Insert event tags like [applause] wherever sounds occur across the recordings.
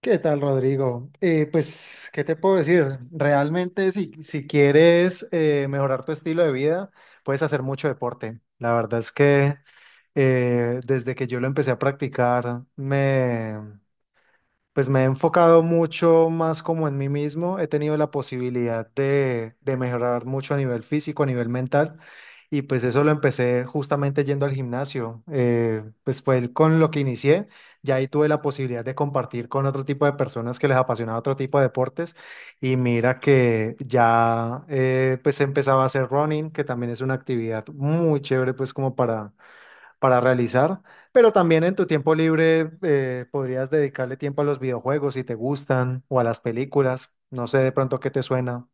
¿Qué tal, Rodrigo? Pues, ¿qué te puedo decir? Realmente, si quieres mejorar tu estilo de vida, puedes hacer mucho deporte. La verdad es que desde que yo lo empecé a practicar, me pues me he enfocado mucho más como en mí mismo, he tenido la posibilidad de mejorar mucho a nivel físico, a nivel mental, y pues eso lo empecé justamente yendo al gimnasio, pues fue con lo que inicié, ya ahí tuve la posibilidad de compartir con otro tipo de personas que les apasionaba otro tipo de deportes, y mira que ya pues empezaba a hacer running, que también es una actividad muy chévere pues como para realizar, pero también en tu tiempo libre podrías dedicarle tiempo a los videojuegos si te gustan o a las películas, no sé de pronto qué te suena.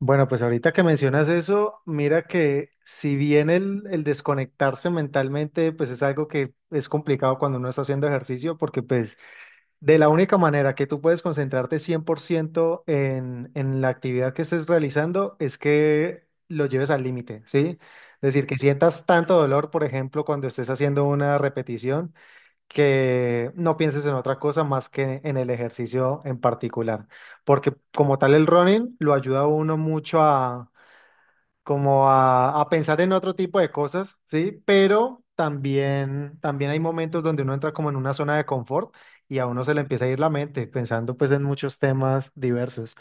Bueno, pues ahorita que mencionas eso, mira que si bien el desconectarse mentalmente, pues es algo que es complicado cuando uno está haciendo ejercicio, porque pues de la única manera que tú puedes concentrarte 100% en la actividad que estés realizando es que lo lleves al límite, ¿sí? Es decir, que sientas tanto dolor, por ejemplo, cuando estés haciendo una repetición, que no pienses en otra cosa más que en el ejercicio en particular. Porque como tal el running lo ayuda a uno mucho a como a pensar en otro tipo de cosas, ¿sí? Pero también hay momentos donde uno entra como en una zona de confort y a uno se le empieza a ir la mente pensando pues en muchos temas diversos.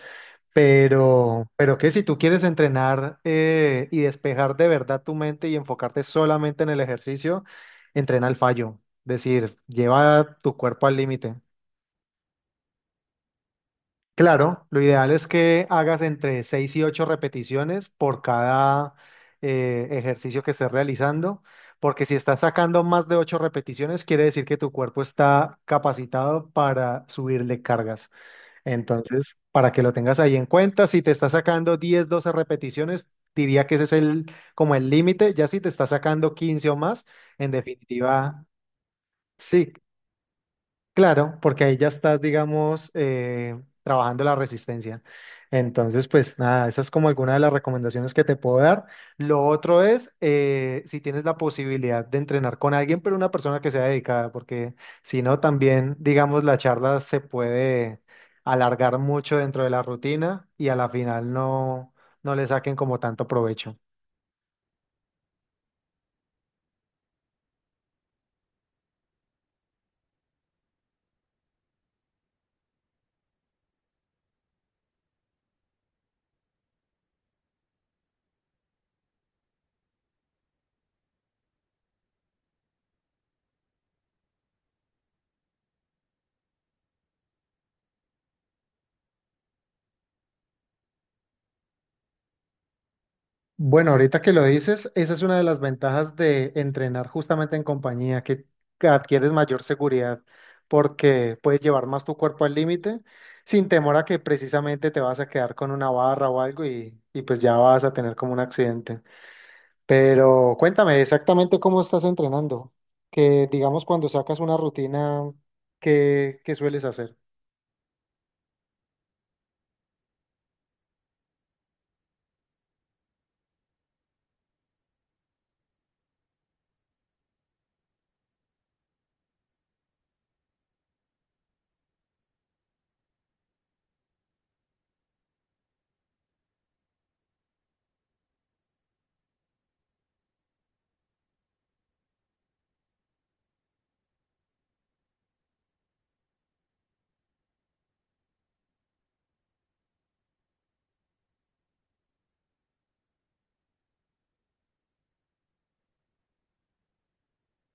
Pero que si tú quieres entrenar y despejar de verdad tu mente y enfocarte solamente en el ejercicio, entrena al fallo, es decir, lleva tu cuerpo al límite. Claro, lo ideal es que hagas entre 6 y 8 repeticiones por cada ejercicio que estés realizando, porque si estás sacando más de 8 repeticiones, quiere decir que tu cuerpo está capacitado para subirle cargas. Entonces, para que lo tengas ahí en cuenta, si te estás sacando 10, 12 repeticiones, diría que ese es como el límite, ya si te estás sacando 15 o más, en definitiva. Sí, claro, porque ahí ya estás, digamos, trabajando la resistencia. Entonces, pues nada, esa es como alguna de las recomendaciones que te puedo dar. Lo otro es, si tienes la posibilidad de entrenar con alguien, pero una persona que sea dedicada, porque si no, también, digamos, la charla se puede alargar mucho dentro de la rutina y a la final no le saquen como tanto provecho. Bueno, ahorita que lo dices, esa es una de las ventajas de entrenar justamente en compañía, que adquieres mayor seguridad porque puedes llevar más tu cuerpo al límite sin temor a que precisamente te vas a quedar con una barra o algo y pues ya vas a tener como un accidente. Pero cuéntame exactamente cómo estás entrenando, que digamos cuando sacas una rutina, ¿qué sueles hacer?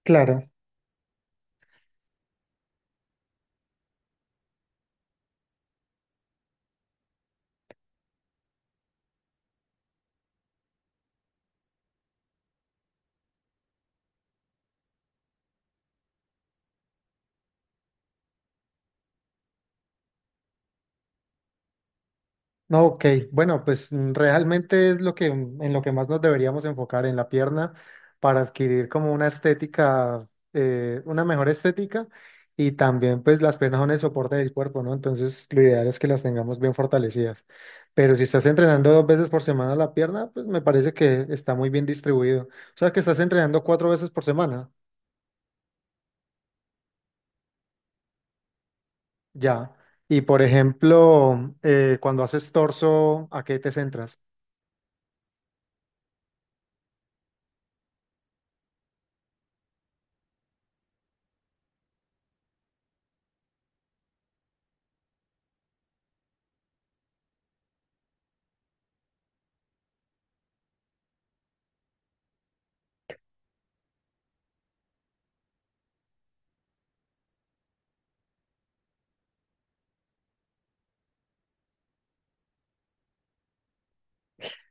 Claro. No, ok. Bueno, pues realmente es lo que en lo que más nos deberíamos enfocar en la pierna para adquirir como una estética, una mejor estética y también pues las piernas son el soporte del cuerpo, ¿no? Entonces lo ideal es que las tengamos bien fortalecidas. Pero si estás entrenando dos veces por semana la pierna, pues me parece que está muy bien distribuido. O sea que estás entrenando cuatro veces por semana, ya. Y por ejemplo, cuando haces torso, ¿a qué te centras?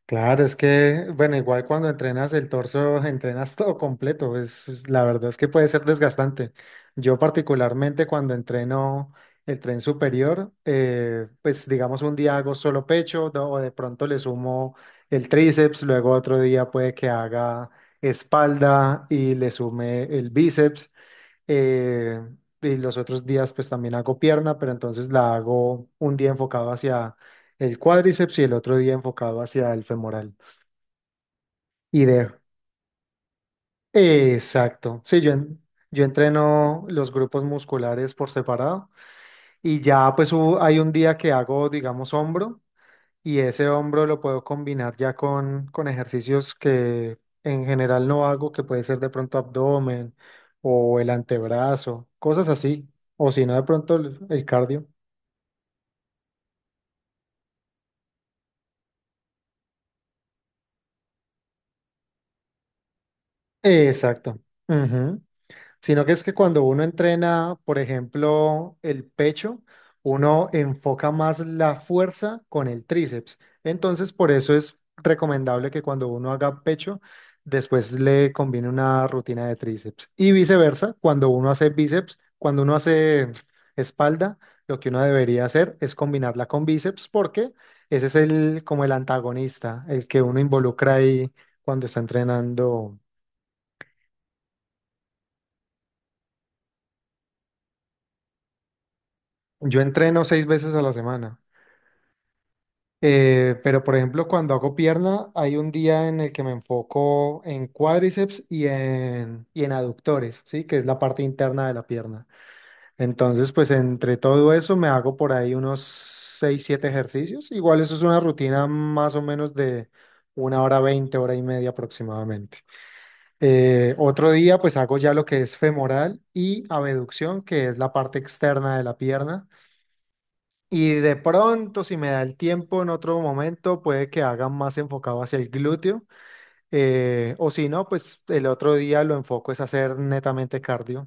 Claro, es que, bueno, igual cuando entrenas el torso, [laughs] entrenas todo completo. La verdad es que puede ser desgastante. Yo particularmente cuando entreno el tren superior, pues digamos un día hago solo pecho, o de pronto le sumo el tríceps, luego otro día puede que haga espalda y le sume el bíceps eh, y los otros días pues también hago pierna, pero entonces la hago un día enfocado hacia el cuádriceps y el otro día enfocado hacia el femoral. Y de... Exacto. Sí, yo entreno los grupos musculares por separado y ya pues hay un día que hago, digamos, hombro. Y ese hombro lo puedo combinar ya con ejercicios que en general no hago, que puede ser de pronto abdomen o el antebrazo, cosas así. O si no, de pronto el cardio. Exacto. Sino que es que cuando uno entrena, por ejemplo, el pecho, uno enfoca más la fuerza con el tríceps. Entonces, por eso es recomendable que cuando uno haga pecho, después le combine una rutina de tríceps. Y viceversa, cuando uno hace espalda, lo que uno debería hacer es combinarla con bíceps porque ese es el como el antagonista, el que uno involucra ahí cuando está entrenando. Yo entreno seis veces a la semana. Pero por ejemplo, cuando hago pierna, hay un día en el que me enfoco en cuádriceps y en aductores, ¿sí? Que es la parte interna de la pierna. Entonces, pues entre todo eso me hago por ahí unos 6 7 ejercicios. Igual eso es una rutina más o menos de una hora 20 hora y media aproximadamente. Otro día, pues hago ya lo que es femoral y abducción, que es la parte externa de la pierna y de pronto, si me da el tiempo en otro momento, puede que haga más enfocado hacia el glúteo. O si no, pues el otro día lo enfoco es hacer netamente cardio.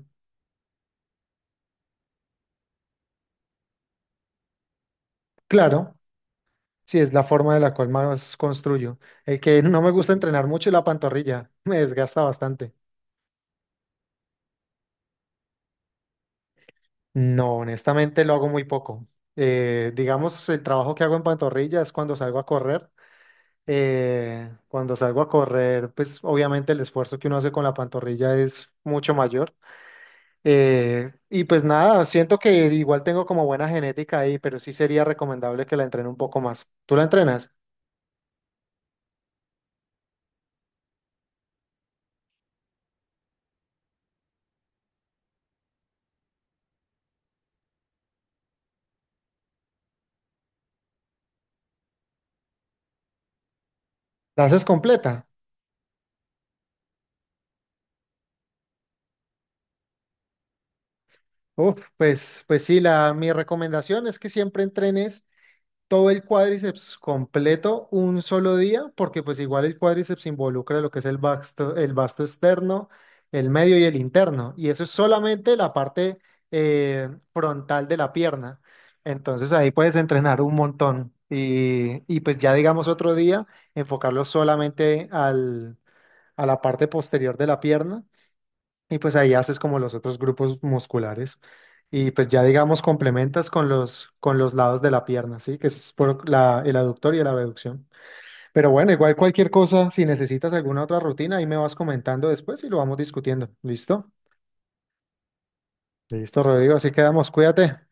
Claro, si es la forma de la cual más construyo. El que no me gusta entrenar mucho es la pantorrilla. [laughs] Me desgasta bastante. No, honestamente lo hago muy poco. Digamos, el trabajo que hago en pantorrilla es cuando salgo a correr. Cuando salgo a correr, pues obviamente el esfuerzo que uno hace con la pantorrilla es mucho mayor. Y pues nada, siento que igual tengo como buena genética ahí, pero sí sería recomendable que la entrene un poco más. ¿Tú la entrenas? ¿La haces completa? Uf, pues sí, mi recomendación es que siempre entrenes todo el cuádriceps completo un solo día, porque pues igual el cuádriceps involucra lo que es el vasto externo, el medio y el interno, y eso es solamente la parte frontal de la pierna. Entonces ahí puedes entrenar un montón y pues ya digamos otro día enfocarlo solamente al, a la parte posterior de la pierna y pues ahí haces como los otros grupos musculares. Y pues ya digamos complementas con los lados de la pierna, ¿sí? Que es por la, el aductor y la abducción. Pero bueno, igual cualquier cosa, si necesitas alguna otra rutina, ahí me vas comentando después y lo vamos discutiendo. ¿Listo? Listo, Rodrigo, así quedamos, cuídate.